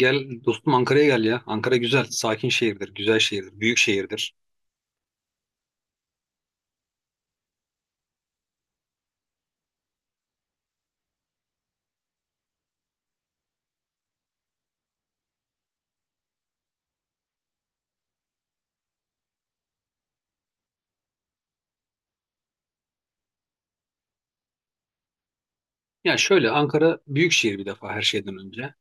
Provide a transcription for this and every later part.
Gel dostum Ankara'ya gel ya. Ankara güzel, sakin şehirdir, güzel şehirdir, büyük şehirdir. Ya şöyle Ankara büyük şehir bir defa her şeyden önce.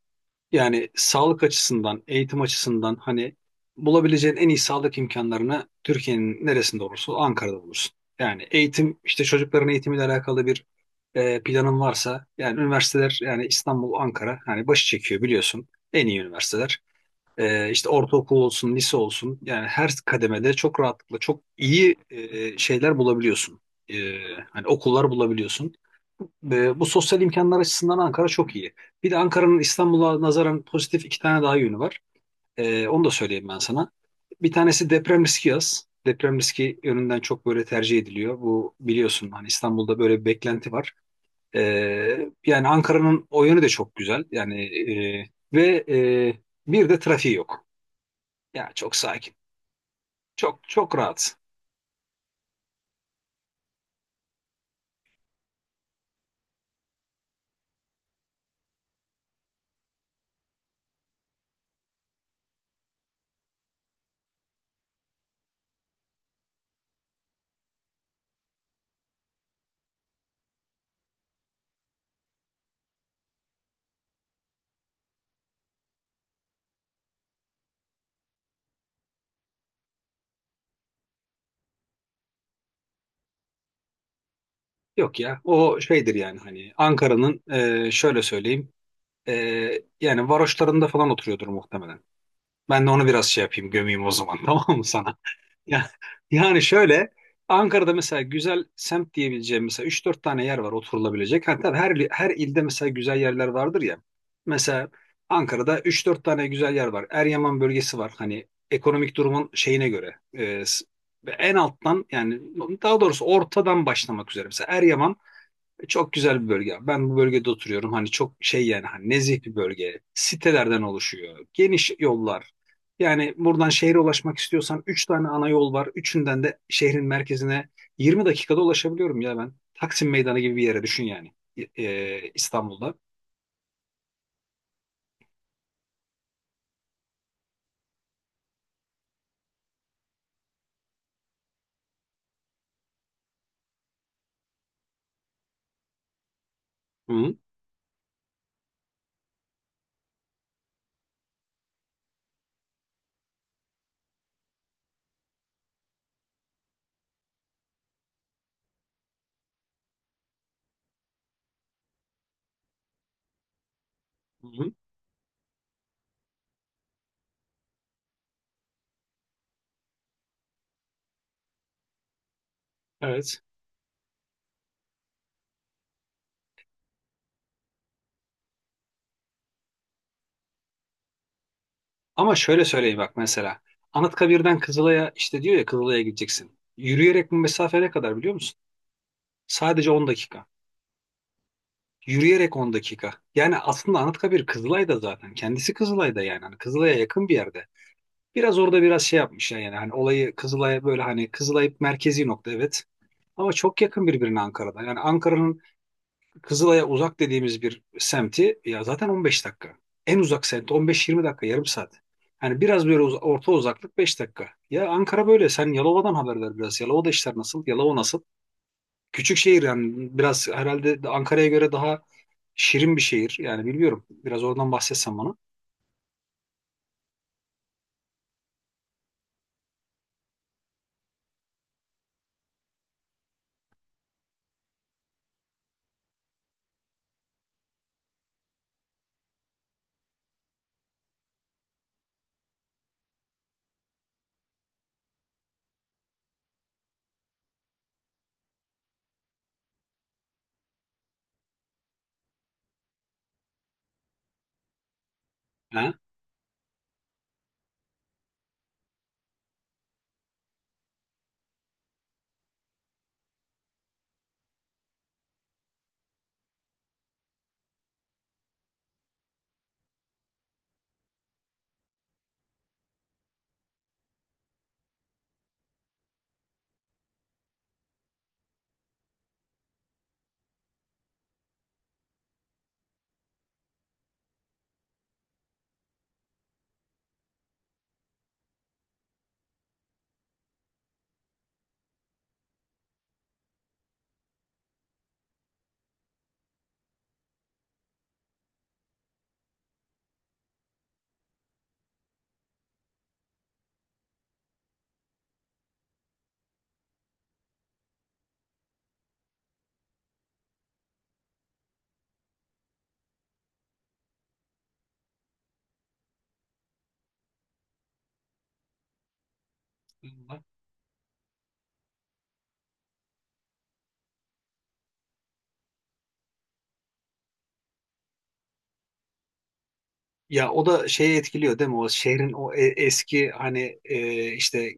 Yani sağlık açısından, eğitim açısından hani bulabileceğin en iyi sağlık imkanlarını Türkiye'nin neresinde olursa ol, Ankara'da bulursun. Yani eğitim işte çocukların eğitimiyle alakalı bir planın varsa yani üniversiteler yani İstanbul, Ankara hani başı çekiyor biliyorsun en iyi üniversiteler. İşte ortaokul olsun, lise olsun yani her kademede çok rahatlıkla çok iyi şeyler bulabiliyorsun. Ee, Hani okullar bulabiliyorsun. Bu sosyal imkanlar açısından Ankara çok iyi. Bir de Ankara'nın İstanbul'a nazaran pozitif iki tane daha yönü var. Onu da söyleyeyim ben sana. Bir tanesi deprem riski az. Deprem riski yönünden çok böyle tercih ediliyor. Bu biliyorsun hani İstanbul'da böyle bir beklenti var. Yani Ankara'nın o yönü de çok güzel. Yani ve bir de trafiği yok. Ya çok sakin. Çok çok rahat. Yok ya. O şeydir yani hani Ankara'nın şöyle söyleyeyim e, yani varoşlarında falan oturuyordur muhtemelen. Ben de onu biraz şey yapayım gömeyim o zaman tamam mı sana? Ya, yani şöyle Ankara'da mesela güzel semt diyebileceğim mesela üç dört tane yer var oturulabilecek. Hatta her ilde mesela güzel yerler vardır ya. Mesela Ankara'da üç dört tane güzel yer var. Eryaman bölgesi var. Hani ekonomik durumun şeyine göre. Ve en alttan yani daha doğrusu ortadan başlamak üzere. Mesela Eryaman çok güzel bir bölge. Ben bu bölgede oturuyorum. Hani çok şey yani hani nezih bir bölge. Sitelerden oluşuyor. Geniş yollar. Yani buradan şehre ulaşmak istiyorsan 3 tane ana yol var. Üçünden de şehrin merkezine 20 dakikada ulaşabiliyorum ya ben. Taksim Meydanı gibi bir yere düşün yani İstanbul'da. Hı hı. Hı hı. Evet. Ama şöyle söyleyeyim bak mesela. Anıtkabir'den Kızılay'a işte diyor ya Kızılay'a gideceksin. Yürüyerek bu mesafe ne kadar biliyor musun? Sadece 10 dakika. Yürüyerek 10 dakika. Yani aslında Anıtkabir Kızılay'da zaten. Kendisi Kızılay'da yani. Hani Kızılay'a yakın bir yerde. Biraz orada biraz şey yapmışlar yani. Hani olayı Kızılay'a böyle hani Kızılay merkezi nokta evet. Ama çok yakın birbirine Ankara'da. Yani Ankara'nın Kızılay'a uzak dediğimiz bir semti ya zaten 15 dakika. En uzak semt 15-20 dakika yarım saat. Yani biraz böyle orta uzaklık 5 dakika. Ya Ankara böyle. Sen Yalova'dan haber ver biraz. Yalova'da işler nasıl? Yalova nasıl? Küçük şehir yani biraz herhalde Ankara'ya göre daha şirin bir şehir. Yani bilmiyorum. Biraz oradan bahsetsen bana. Ha? Ya o da şeyi etkiliyor değil mi? O şehrin o eski hani işte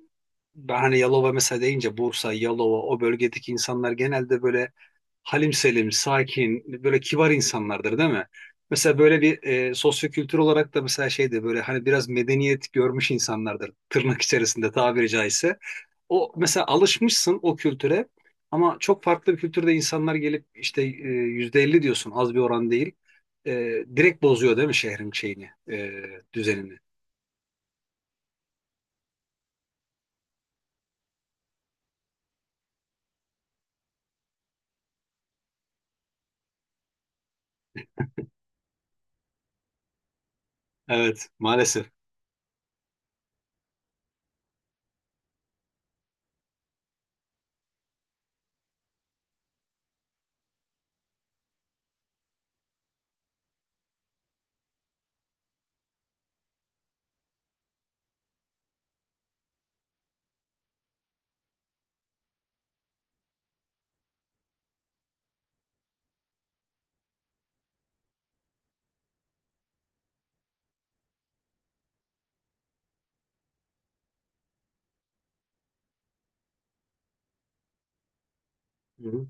ben hani Yalova mesela deyince Bursa, Yalova o bölgedeki insanlar genelde böyle halim selim, sakin, böyle kibar insanlardır değil mi? Mesela böyle bir sosyokültür olarak da mesela şeydi böyle hani biraz medeniyet görmüş insanlardır tırnak içerisinde tabiri caizse. O mesela alışmışsın o kültüre ama çok farklı bir kültürde insanlar gelip işte %50 diyorsun az bir oran değil. E, Direkt bozuyor değil mi şehrin şeyini, düzenini? Evet maalesef. Hı hı.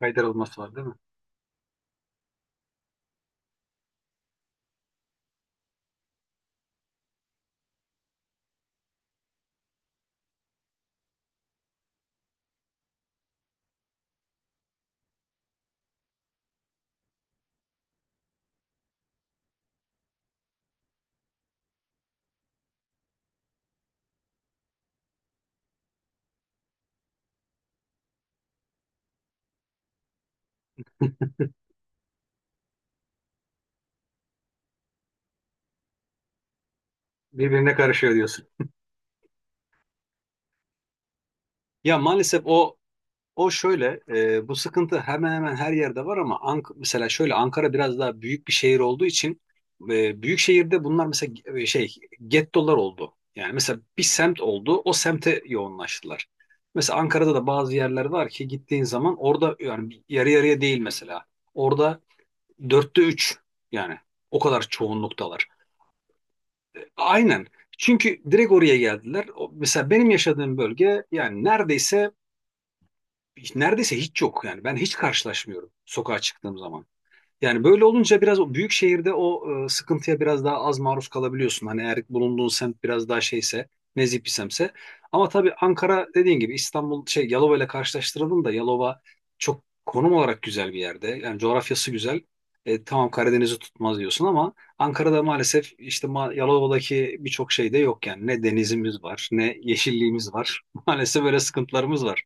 Kaydırılması var değil mi? Birbirine karışıyor diyorsun. Ya maalesef o şöyle bu sıkıntı hemen hemen her yerde var ama mesela şöyle Ankara biraz daha büyük bir şehir olduğu için büyük şehirde bunlar mesela şey gettolar oldu. Yani mesela bir semt oldu o semte yoğunlaştılar. Mesela Ankara'da da bazı yerler var ki gittiğin zaman orada yani yarı yarıya değil mesela. Orada 3/4 yani o kadar çoğunluktalar. Aynen. Çünkü direkt oraya geldiler. Mesela benim yaşadığım bölge yani neredeyse hiç yok yani ben hiç karşılaşmıyorum sokağa çıktığım zaman. Yani böyle olunca biraz o büyük şehirde o sıkıntıya biraz daha az maruz kalabiliyorsun. Hani eğer bulunduğun semt biraz daha şeyse, nezih bir semtse. Ama tabii Ankara dediğin gibi İstanbul şey Yalova ile karşılaştıralım da Yalova çok konum olarak güzel bir yerde. Yani coğrafyası güzel. Tamam Karadeniz'i tutmaz diyorsun ama Ankara'da maalesef işte Yalova'daki birçok şey de yok yani. Ne denizimiz var, ne yeşilliğimiz var. Maalesef böyle sıkıntılarımız var.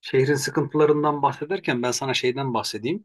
Şehrin sıkıntılarından bahsederken ben sana şeyden bahsedeyim.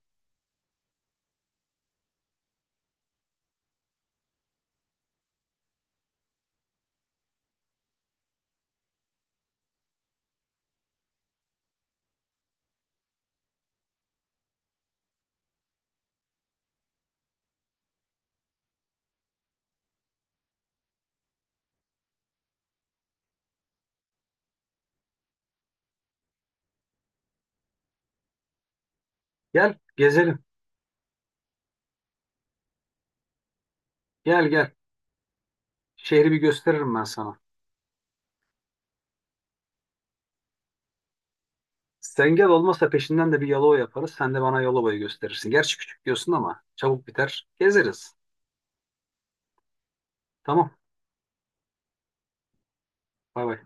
Gel gezelim. Gel gel. Şehri bir gösteririm ben sana. Sen gel olmazsa peşinden de bir Yalova yaparız. Sen de bana Yalova'yı gösterirsin. Gerçi küçük diyorsun ama çabuk biter. Gezeriz. Tamam. Bay bay.